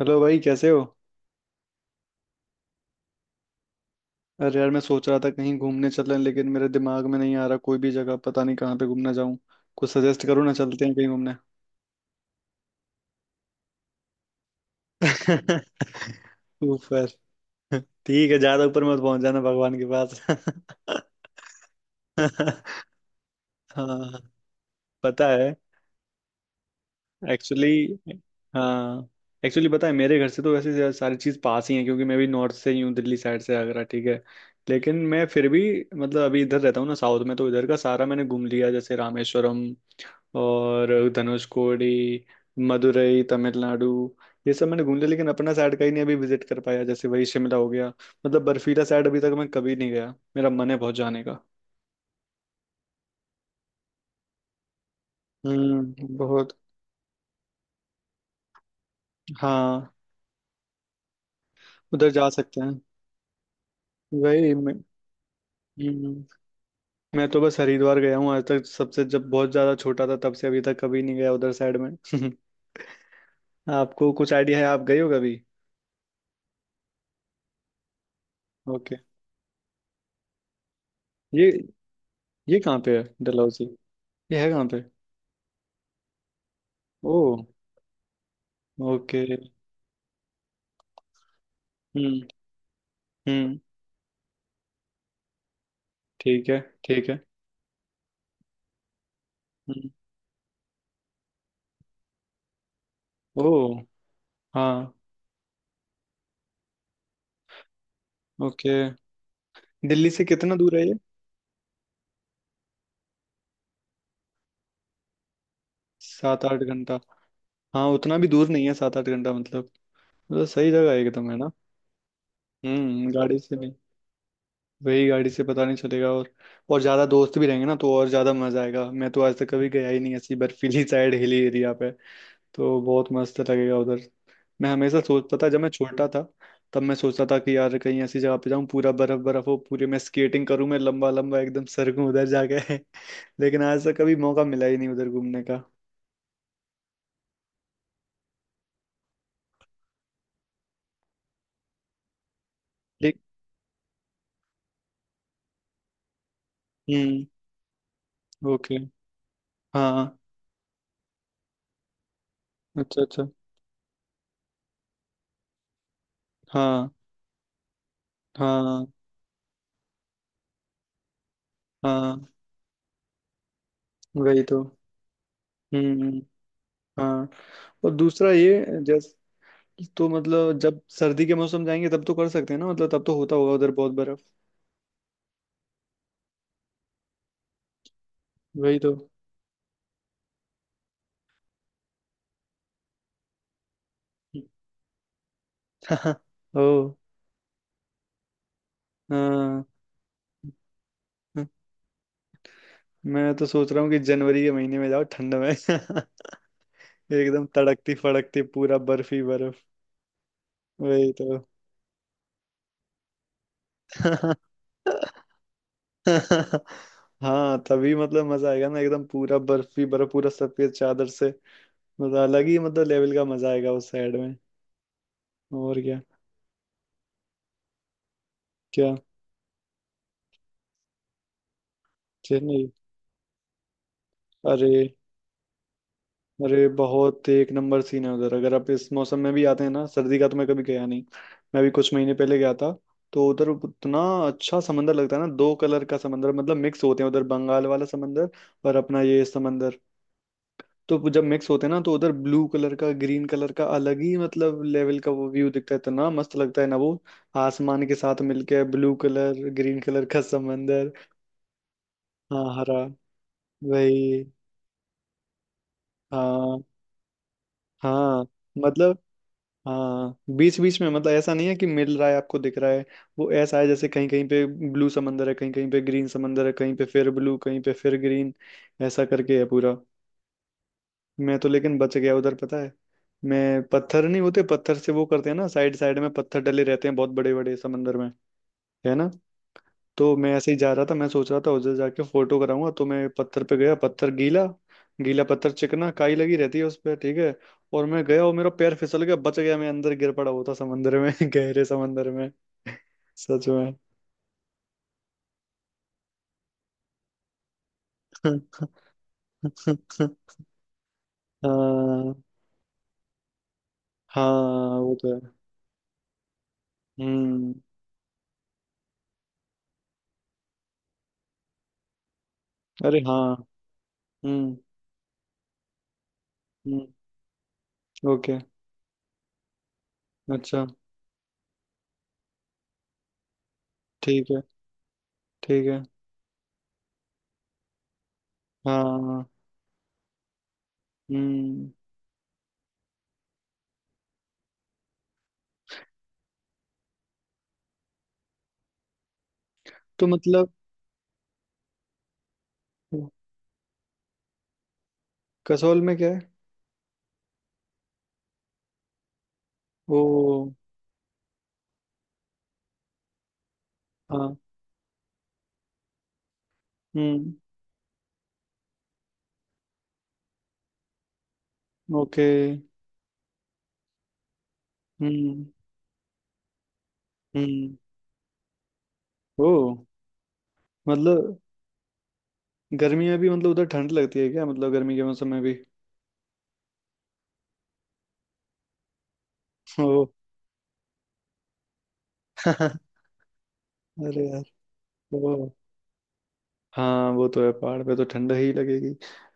Hello भाई, कैसे हो। अरे यार मैं सोच रहा था कहीं घूमने चलें, लेकिन मेरे दिमाग में नहीं आ रहा कोई भी जगह। पता नहीं कहाँ पे घूमने जाऊं, कुछ सजेस्ट करो ना, चलते हैं कहीं घूमने। ऊपर? ठीक है, ज्यादा ऊपर मत पहुंच जाना भगवान के पास। हाँ, पता है। एक्चुअली हाँ, एक्चुअली पता है मेरे घर से तो वैसे ज्यादा सारी चीज़ पास ही है, क्योंकि मैं भी नॉर्थ से ही हूँ। दिल्ली साइड से, आगरा। ठीक है, लेकिन मैं फिर भी मतलब अभी इधर रहता हूँ ना साउथ में, तो इधर का सारा मैंने घूम लिया, जैसे रामेश्वरम और धनुषकोडी, मदुरई, तमिलनाडु। ये सब मैंने घूम लिया, लेकिन अपना साइड का ही नहीं अभी विजिट कर पाया, जैसे वही शिमला हो गया। मतलब बर्फीला साइड अभी तक मैं कभी नहीं गया, मेरा मन है बहुत जाने का। बहुत। हाँ, उधर जा सकते हैं। वही मैं- हम्म मैं तो बस हरिद्वार गया हूँ आज तक। सबसे जब बहुत ज्यादा छोटा था, तब से अभी तक कभी नहीं गया उधर साइड में। आपको कुछ आइडिया है, आप गए हो कभी? ओके। ये ये कहाँ पे है डलहौजी, ये है कहाँ पे? ओ, ओके। हम्म। हम्म। ठीक है। ठीक है। हम्म। ओ। हाँ। ओके। दिल्ली से कितना दूर है ये? 7-8 घंटा? हाँ, उतना भी दूर नहीं है 7-8 घंटा, मतलब तो सही जगह है एकदम, है ना। हम्म, गाड़ी से भी, वही गाड़ी से पता नहीं चलेगा। और ज्यादा दोस्त भी रहेंगे ना, तो और ज्यादा मजा आएगा। मैं तो आज तक कभी गया ही नहीं ऐसी बर्फीली साइड, हिली एरिया पे, तो बहुत मस्त लगेगा उधर। मैं हमेशा सोचता था जब मैं छोटा था, तब मैं सोचता था कि यार कहीं ऐसी जगह पे जाऊं पूरा बर्फ बर्फ हो, पूरे मैं स्केटिंग करूं, मैं लंबा लंबा एकदम सरकूं उधर जाके। लेकिन आज तक कभी मौका मिला ही नहीं उधर घूमने का। लेक- हम्म ओके। हाँ। अच्छा, अच्छा। हाँ, हाँ, हाँ। वही तो। हम्म। हाँ। और दूसरा ये जैस तो मतलब जब सर्दी के मौसम जाएंगे, तब तो कर सकते हैं ना, मतलब तब तो होता होगा उधर बहुत बर्फ। वही तो। ओ, हाँ। मैं तो सोच रहा हूँ कि जनवरी के महीने में जाओ ठंड में। एकदम तड़कती फड़कती, पूरा बर्फ ही बर्फ। वही तो। हाँ, तभी मतलब मजा आएगा ना। एकदम पूरा बर्फ ही बर्फ, पूरा सफेद चादर से, मतलब अलग ही मतलब लेवल का मजा आएगा उस साइड में। और क्या। क्या, चेन्नई? अरे, अरे बहुत एक नंबर सीन है उधर। अगर आप इस मौसम में भी आते हैं ना, सर्दी का तो मैं कभी गया नहीं, मैं भी कुछ महीने पहले गया था, तो उधर इतना अच्छा समंदर लगता है ना। दो कलर का समंदर, मतलब मिक्स होते हैं उधर बंगाल वाला समंदर और अपना ये समंदर। तो जब मिक्स होते हैं ना, तो उधर ब्लू कलर का, ग्रीन कलर का, अलग ही मतलब लेवल का वो व्यू दिखता है, इतना मस्त लगता है ना वो। आसमान के साथ मिलके ब्लू कलर, ग्रीन कलर का समंदर। हाँ, हरा, वही, हाँ, हाँ, मतलब, हाँ, बीच बीच में। मतलब ऐसा नहीं है कि मिल रहा है आपको दिख रहा है, वो ऐसा है जैसे कहीं कहीं पे ब्लू समंदर है, कहीं कहीं पे ग्रीन समंदर है, कहीं पे फिर ब्लू, कहीं पे फिर ग्रीन, ऐसा करके है पूरा। मैं तो लेकिन बच गया उधर पता है। मैं, पत्थर नहीं होते, पत्थर से वो करते हैं ना, साइड साइड में पत्थर डले रहते हैं, बहुत बड़े बड़े समंदर में, है ना। तो मैं ऐसे ही जा रहा था, मैं सोच रहा था उधर जाके फोटो कराऊंगा, तो मैं पत्थर पे गया, पत्थर गीला, गीला पत्थर चिकना, काई लगी रहती है उस पर, ठीक है। और मैं गया, और मेरा पैर फिसल गया, बच गया मैं, अंदर गिर पड़ा होता समंदर में, गहरे समंदर में, सच में। हाँ, हाँ वो तो है। हम्म। अरे हाँ। हम्म। हम्म, ओके, अच्छा, ठीक है, ठीक है। हाँ, हाँ, हम्म। तो मतलब कसौल में क्या है? ओ। हाँ। हम्म। ओके। हम्म। हम्म। ओ। मतलब गर्मी में भी मतलब उधर ठंड लगती है क्या, मतलब गर्मी के मौसम में भी? ओ। अरे यार। ओ, हाँ वो तो है, पहाड़ पे तो ठंड ही लगेगी।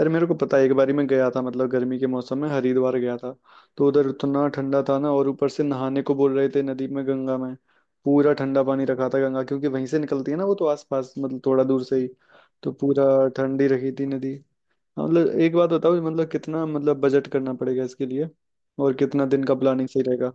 अरे मेरे को पता है, एक बारी मैं गया था, मतलब गर्मी के मौसम में हरिद्वार गया था। तो उधर इतना ठंडा था ना, और ऊपर से नहाने को बोल रहे थे नदी में, गंगा में। पूरा ठंडा पानी रखा था गंगा, क्योंकि वहीं से निकलती है ना वो, तो आसपास मतलब थोड़ा दूर से ही, तो पूरा ठंडी रखी थी नदी। हाँ, मतलब एक बात बताओ, मतलब कितना, मतलब बजट करना पड़ेगा इसके लिए और कितना दिन का प्लानिंग सही रहेगा?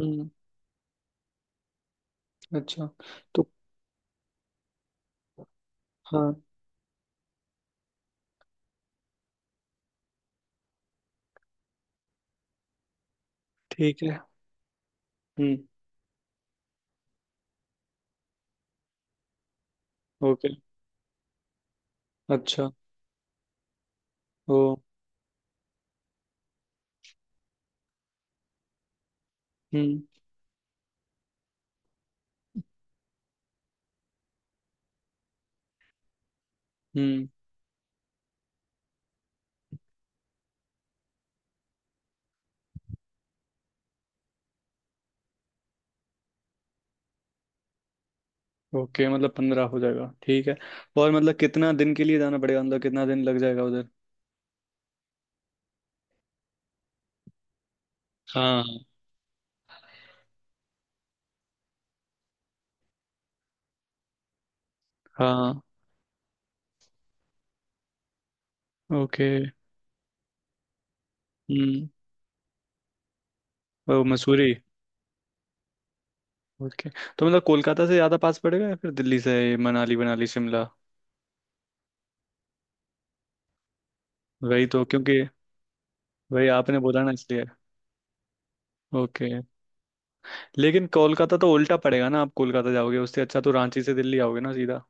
हम्म। अच्छा। तो हाँ, ठीक है। हम्म। ओके, अच्छा। ओ। हम्म, हम्म। ओके, मतलब 15 हो जाएगा, ठीक है। और मतलब कितना दिन के लिए जाना पड़ेगा, मतलब कितना दिन लग जाएगा उधर? हाँ। हाँ। ओके। हम्म। ओ, मसूरी। ओके। तो मतलब कोलकाता से ज़्यादा पास पड़ेगा या फिर दिल्ली से? मनाली मनाली शिमला? वही तो, क्योंकि वही आपने बोला ना इसलिए। ओके। लेकिन कोलकाता तो उल्टा पड़ेगा ना, आप कोलकाता जाओगे, उससे अच्छा तो रांची से दिल्ली आओगे ना सीधा।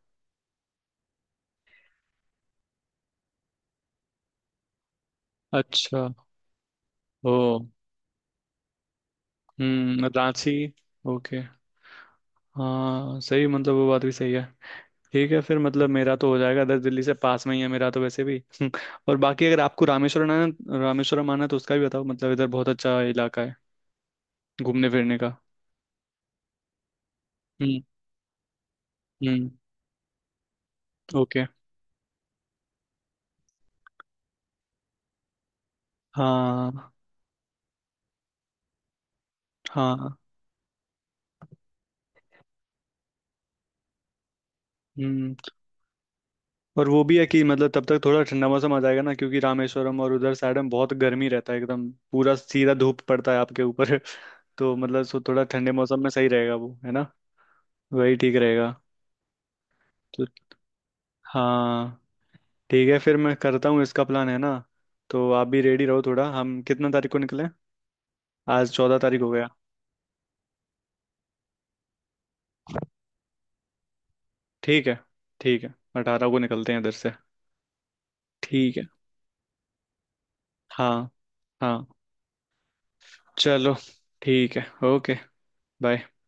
अच्छा। ओ। हम्म, रांची। ओके। हाँ सही, मतलब वो बात भी सही है। ठीक है फिर, मतलब मेरा तो हो जाएगा, इधर दिल्ली से पास में ही है मेरा तो वैसे भी। और बाकी अगर आपको रामेश्वरम आना, है तो उसका भी बताओ, मतलब इधर बहुत अच्छा इलाका है घूमने फिरने का। हम्म। हम्म। ओके। हाँ। हाँ। हम्म। और वो भी है कि मतलब तब तक थोड़ा ठंडा मौसम आ जाएगा ना, क्योंकि रामेश्वरम और उधर साइड में बहुत गर्मी रहता है, एकदम पूरा सीधा धूप पड़ता है आपके ऊपर। तो मतलब सो थोड़ा ठंडे मौसम में सही रहेगा, वो है ना, वही ठीक रहेगा। तो हाँ, ठीक है फिर मैं करता हूँ इसका प्लान, है ना। तो आप भी रेडी रहो थोड़ा। हम कितना तारीख को निकलें, आज 14 तारीख हो गया। ठीक है। ठीक है, 18 को निकलते हैं इधर से। ठीक है। हाँ। हाँ। चलो। ठीक है। ओके। बाय।